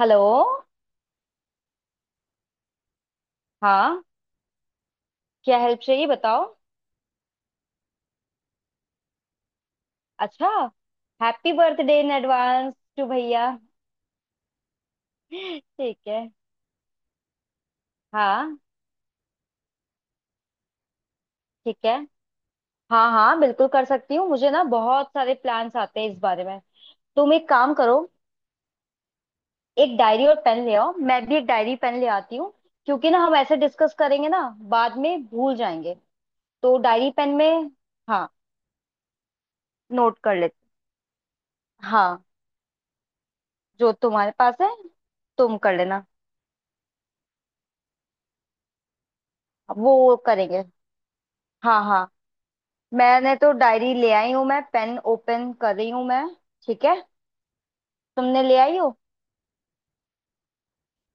Hello. हाँ, क्या help चाहिए बताओ। अच्छा, happy birthday in advance to भैया। ठीक है। हाँ। ठीक है, हाँ हाँ बिल्कुल कर सकती हूँ। मुझे ना बहुत सारे प्लान्स आते हैं इस बारे में। तुम एक काम करो, एक डायरी और पेन ले आओ, मैं भी एक डायरी पेन ले आती हूँ। क्योंकि ना हम ऐसे डिस्कस करेंगे ना, बाद में भूल जाएंगे। तो डायरी पेन में हाँ नोट कर लेते। हाँ, जो तुम्हारे पास है तुम कर लेना, वो करेंगे। हाँ हाँ। मैंने तो डायरी ले आई हूं, मैं पेन ओपन कर रही हूं मैं। ठीक है, तुमने ले आई हो।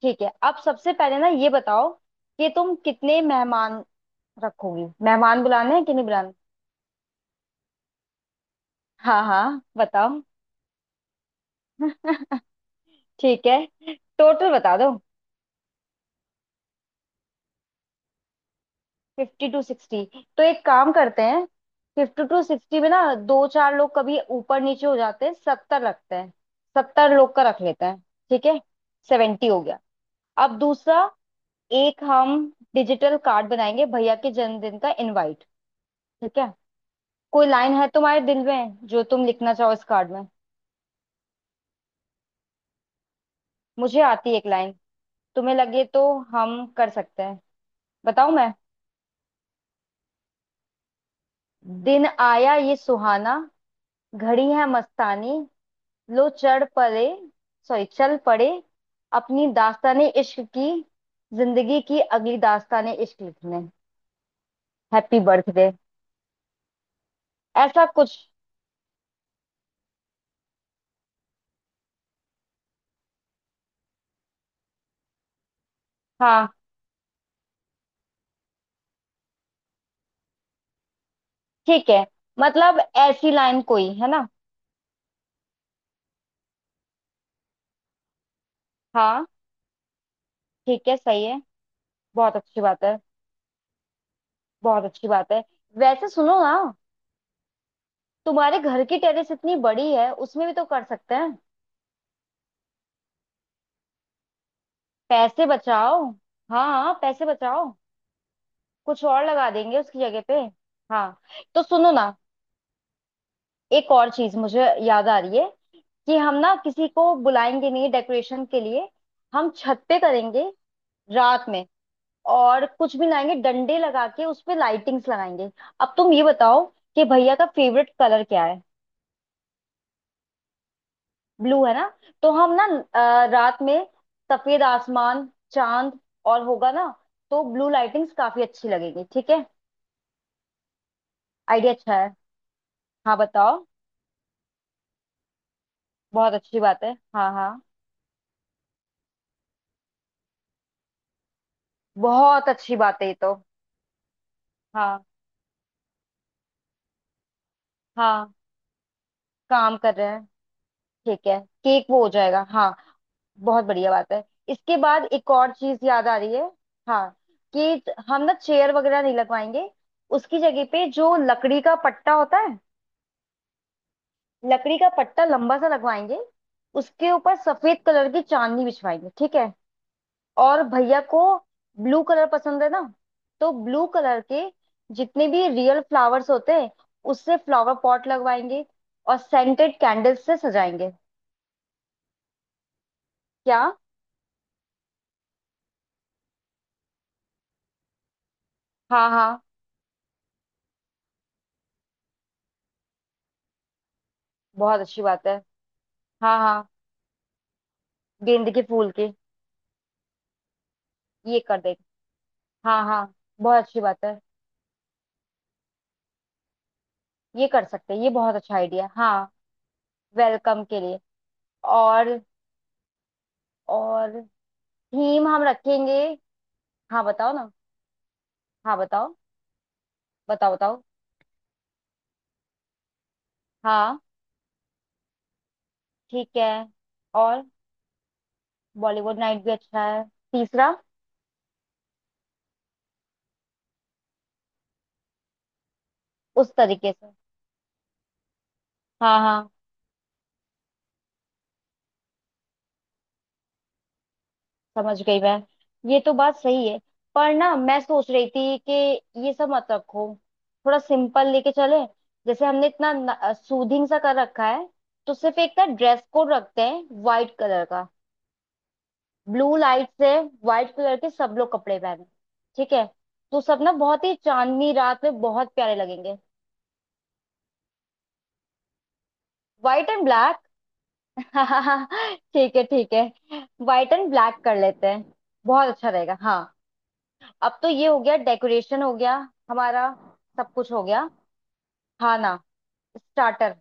ठीक है, अब सबसे पहले ना ये बताओ कि तुम कितने मेहमान रखोगी, मेहमान बुलाने हैं कि नहीं बुलाने। हाँ हाँ बताओ। ठीक है, टोटल बता दो। Fifty to sixty. तो एक काम करते हैं, 50-60 में ना दो चार लोग कभी ऊपर नीचे हो जाते हैं, 70 रखते हैं। सत्तर लोग का रख लेते हैं, ठीक है। 70 हो गया। अब दूसरा, एक हम डिजिटल कार्ड बनाएंगे, भैया के जन्मदिन का इनवाइट। ठीक है, कोई लाइन है तुम्हारे दिल में जो तुम लिखना चाहो इस कार्ड में? मुझे आती है एक लाइन, तुम्हें लगे तो हम कर सकते हैं। बताऊं मैं? दिन आया ये सुहाना, घड़ी है मस्तानी, लो चढ़ पड़े सॉरी चल पड़े अपनी दास्ताने इश्क की, जिंदगी की अगली दास्ताने इश्क लिखने। Happy birthday. ऐसा कुछ। हाँ, ठीक है, मतलब ऐसी लाइन कोई है ना। हाँ, ठीक है, सही है। बहुत अच्छी बात है, बहुत अच्छी बात है। वैसे सुनो ना, तुम्हारे घर की टेरेस इतनी बड़ी है, उसमें भी तो कर सकते हैं। पैसे बचाओ। हाँ हाँ पैसे बचाओ। कुछ और लगा देंगे उसकी जगह पे। हाँ। तो सुनो ना, एक और चीज मुझे याद आ रही है कि हम ना किसी को बुलाएंगे नहीं डेकोरेशन के लिए, हम छत पे करेंगे। रात में, और कुछ भी लाएंगे डंडे लगा के उस पे लाइटिंग्स लगाएंगे। अब तुम ये बताओ कि भैया का फेवरेट कलर क्या है? ब्लू है ना। तो हम ना, रात में सफेद आसमान चांद और होगा ना, तो ब्लू लाइटिंग्स काफी अच्छी लगेगी, ठीक है। आइडिया अच्छा है, हाँ बताओ। बहुत अच्छी बात है, हाँ हाँ। बहुत अच्छी बात है ये तो। हाँ। हाँ काम कर रहे हैं। ठीक है, केक वो हो जाएगा हाँ। बहुत बढ़िया बात है। इसके बाद एक और चीज याद आ रही है। हाँ, कि हम ना चेयर वगैरह नहीं लगवाएंगे, उसकी जगह पे जो लकड़ी का पट्टा होता है, लकड़ी का पट्टा लंबा सा लगवाएंगे। उसके ऊपर सफेद कलर की चांदनी बिछवाएंगे, ठीक है। और भैया को ब्लू कलर पसंद है ना, तो ब्लू कलर के जितने भी रियल फ्लावर्स होते हैं उससे फ्लावर पॉट लगवाएंगे, और सेंटेड कैंडल्स से सजाएंगे। क्या? हाँ हाँ, बहुत अच्छी बात है। हाँ हाँ, गेंदे के फूल के ये कर दे। हाँ हाँ, बहुत अच्छी बात है, ये कर सकते हैं, ये बहुत अच्छा आइडिया है। हाँ, वेलकम के लिए। और और थीम हम रखेंगे। हाँ बताओ ना, हाँ बताओ, बताओ बताओ। हाँ। ठीक है, और बॉलीवुड नाइट भी अच्छा है। तीसरा। उस तरीके से, हाँ हाँ। समझ गई मैं, ये तो बात सही है। पर ना मैं सोच रही थी कि ये सब मत रखो, थोड़ा सिंपल लेके चले, जैसे हमने इतना सूदिंग सा कर रखा है, तो सिर्फ एक ना ड्रेस कोड रखते हैं व्हाइट कलर का। ब्लू लाइट से व्हाइट कलर के सब लोग कपड़े पहने, ठीक है। तो सब ना बहुत ही चांदनी रात में बहुत प्यारे लगेंगे। व्हाइट एंड ब्लैक, ठीक है ठीक है, व्हाइट एंड ब्लैक कर लेते हैं। बहुत अच्छा रहेगा, हाँ। अब तो ये हो गया, डेकोरेशन हो गया हमारा, सब कुछ हो गया। खाना, स्टार्टर।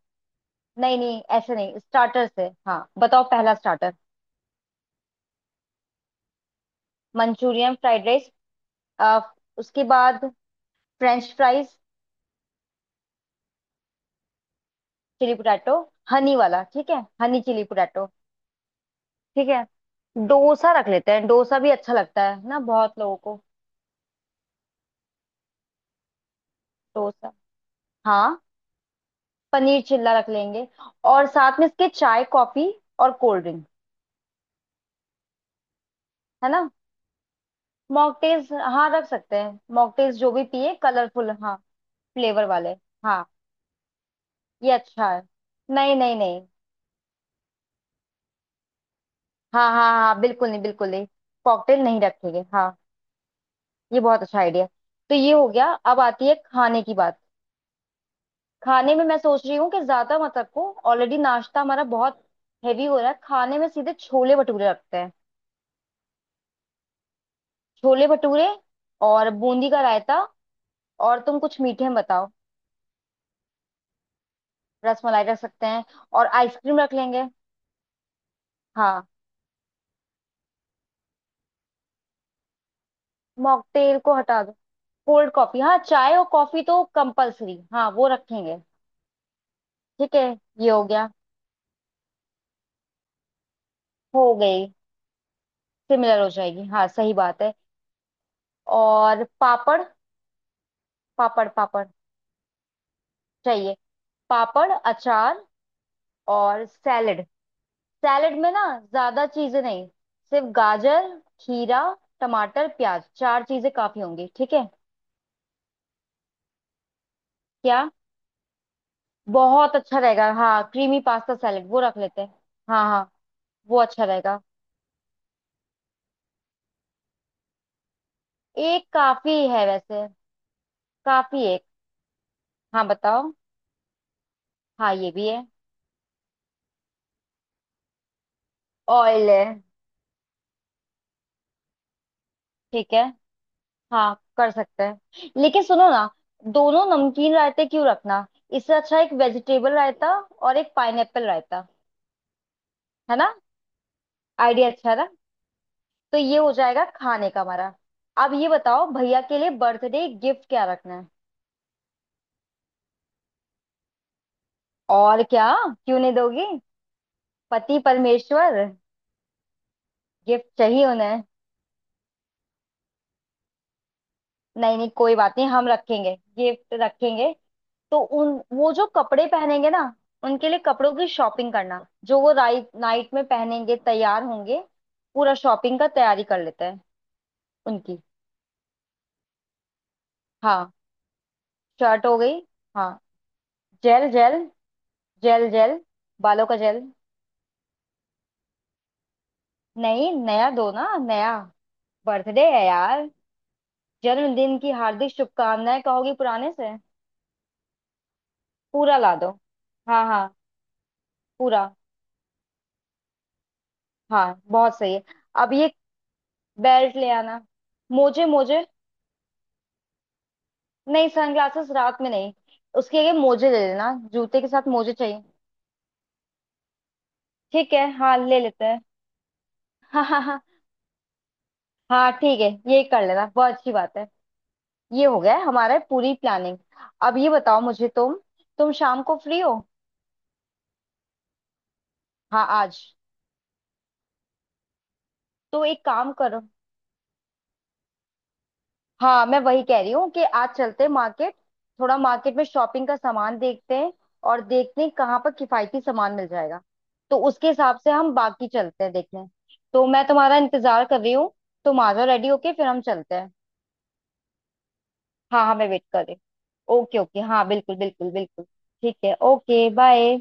नहीं नहीं ऐसे नहीं, स्टार्टर से हाँ बताओ, पहला स्टार्टर। मंचूरियन फ्राइड राइस, उसके बाद French fries, chilli potato, honey वाला, ठीक है, हनी चिली पोटैटो। ठीक है, डोसा रख लेते हैं, डोसा भी अच्छा लगता है ना बहुत लोगों को। डोसा, हाँ, पनीर चिल्ला रख लेंगे। और साथ में इसके चाय कॉफी और कोल्ड ड्रिंक। है ना, मॉकटेल्स हाँ रख सकते हैं, मॉकटेल्स जो भी पिए कलरफुल, हाँ। फ्लेवर वाले, हाँ, ये अच्छा है। नहीं नहीं नहीं, हाँ हाँ हाँ बिल्कुल नहीं, बिल्कुल नहीं। कॉकटेल नहीं रखेंगे, हाँ। ये बहुत अच्छा आइडिया। तो ये हो गया, अब आती है खाने की बात। खाने में मैं सोच रही हूँ कि ज्यादा मत रखो, ऑलरेडी नाश्ता हमारा बहुत हैवी हो रहा है, खाने में सीधे छोले भटूरे रखते हैं। छोले भटूरे और बूंदी का रायता, और तुम कुछ मीठे में बताओ। रसमलाई रख सकते हैं, और आइसक्रीम रख लेंगे। हाँ, मॉकटेल को हटा दो, कोल्ड कॉफी, हाँ चाय और कॉफी तो कंपलसरी, हाँ वो रखेंगे। ठीक है, ये हो गया। हो गई, सिमिलर हो जाएगी, हाँ सही बात है। और पापड़, पापड़ पापड़ चाहिए। पापड़, अचार, और सैलेड। सैलेड में ना ज्यादा चीजें नहीं, सिर्फ गाजर, खीरा, टमाटर, प्याज, चार चीजें काफी होंगी, ठीक है। क्या? बहुत अच्छा रहेगा, हाँ क्रीमी पास्ता सैलेड वो रख लेते हैं। हाँ हाँ, वो अच्छा रहेगा। एक काफी है वैसे। काफी एक। हाँ बताओ। हाँ ये भी है, ऑयल है। ठीक है, हाँ कर सकते हैं। लेकिन सुनो ना, दोनों नमकीन रायते क्यों रखना, इससे अच्छा एक वेजिटेबल रायता और एक पाइनएप्पल रायता। है ना, आइडिया अच्छा है ना। तो ये हो जाएगा खाने का हमारा। अब ये बताओ, भैया के लिए बर्थडे गिफ्ट क्या रखना है। और क्या, क्यों नहीं दोगी, पति परमेश्वर। गिफ्ट चाहिए उन्हें। नहीं नहीं, कोई बात नहीं, हम रखेंगे गिफ्ट रखेंगे। तो उन, वो जो कपड़े पहनेंगे ना, उनके लिए कपड़ों की शॉपिंग करना जो वो राइट नाइट में पहनेंगे, तैयार होंगे। पूरा शॉपिंग का तैयारी कर लेते हैं उनकी। हाँ, शर्ट हो गई। हाँ, जेल जेल, जेल जेल, बालों का जेल। नहीं, नया दो ना नया, बर्थडे है यार। जन्मदिन की हार्दिक शुभकामनाएं कहोगी पुराने से? पूरा ला दो, हाँ हाँ, पूरा, हाँ बहुत सही है। अब ये बेल्ट ले आना। मोजे मोजे, नहीं सनग्लासेस रात में नहीं, उसके आगे मोजे ले लेना, जूते के साथ मोजे चाहिए। ठीक है, हाँ ले लेते हैं। हाँ हाँ हाँ, हाँ ठीक है, ये कर लेना बहुत अच्छी बात है। ये हो गया है हमारा, पूरी प्लानिंग। अब ये बताओ मुझे तुम शाम को फ्री हो? हाँ आज। तो एक काम करो, हाँ मैं वही कह रही हूँ कि आज चलते हैं मार्केट, थोड़ा मार्केट में शॉपिंग का सामान देखते हैं, और देखते हैं कहाँ पर किफायती सामान मिल जाएगा। तो उसके हिसाब से हम बाकी चलते हैं देखने। तो मैं तुम्हारा इंतजार कर रही हूँ, तुम आ जाओ रेडी होके, फिर हम चलते हैं। हाँ हाँ, मैं वेट कर रही हूँ, ओके ओके, हाँ बिल्कुल बिल्कुल बिल्कुल। ठीक है, ओके बाय।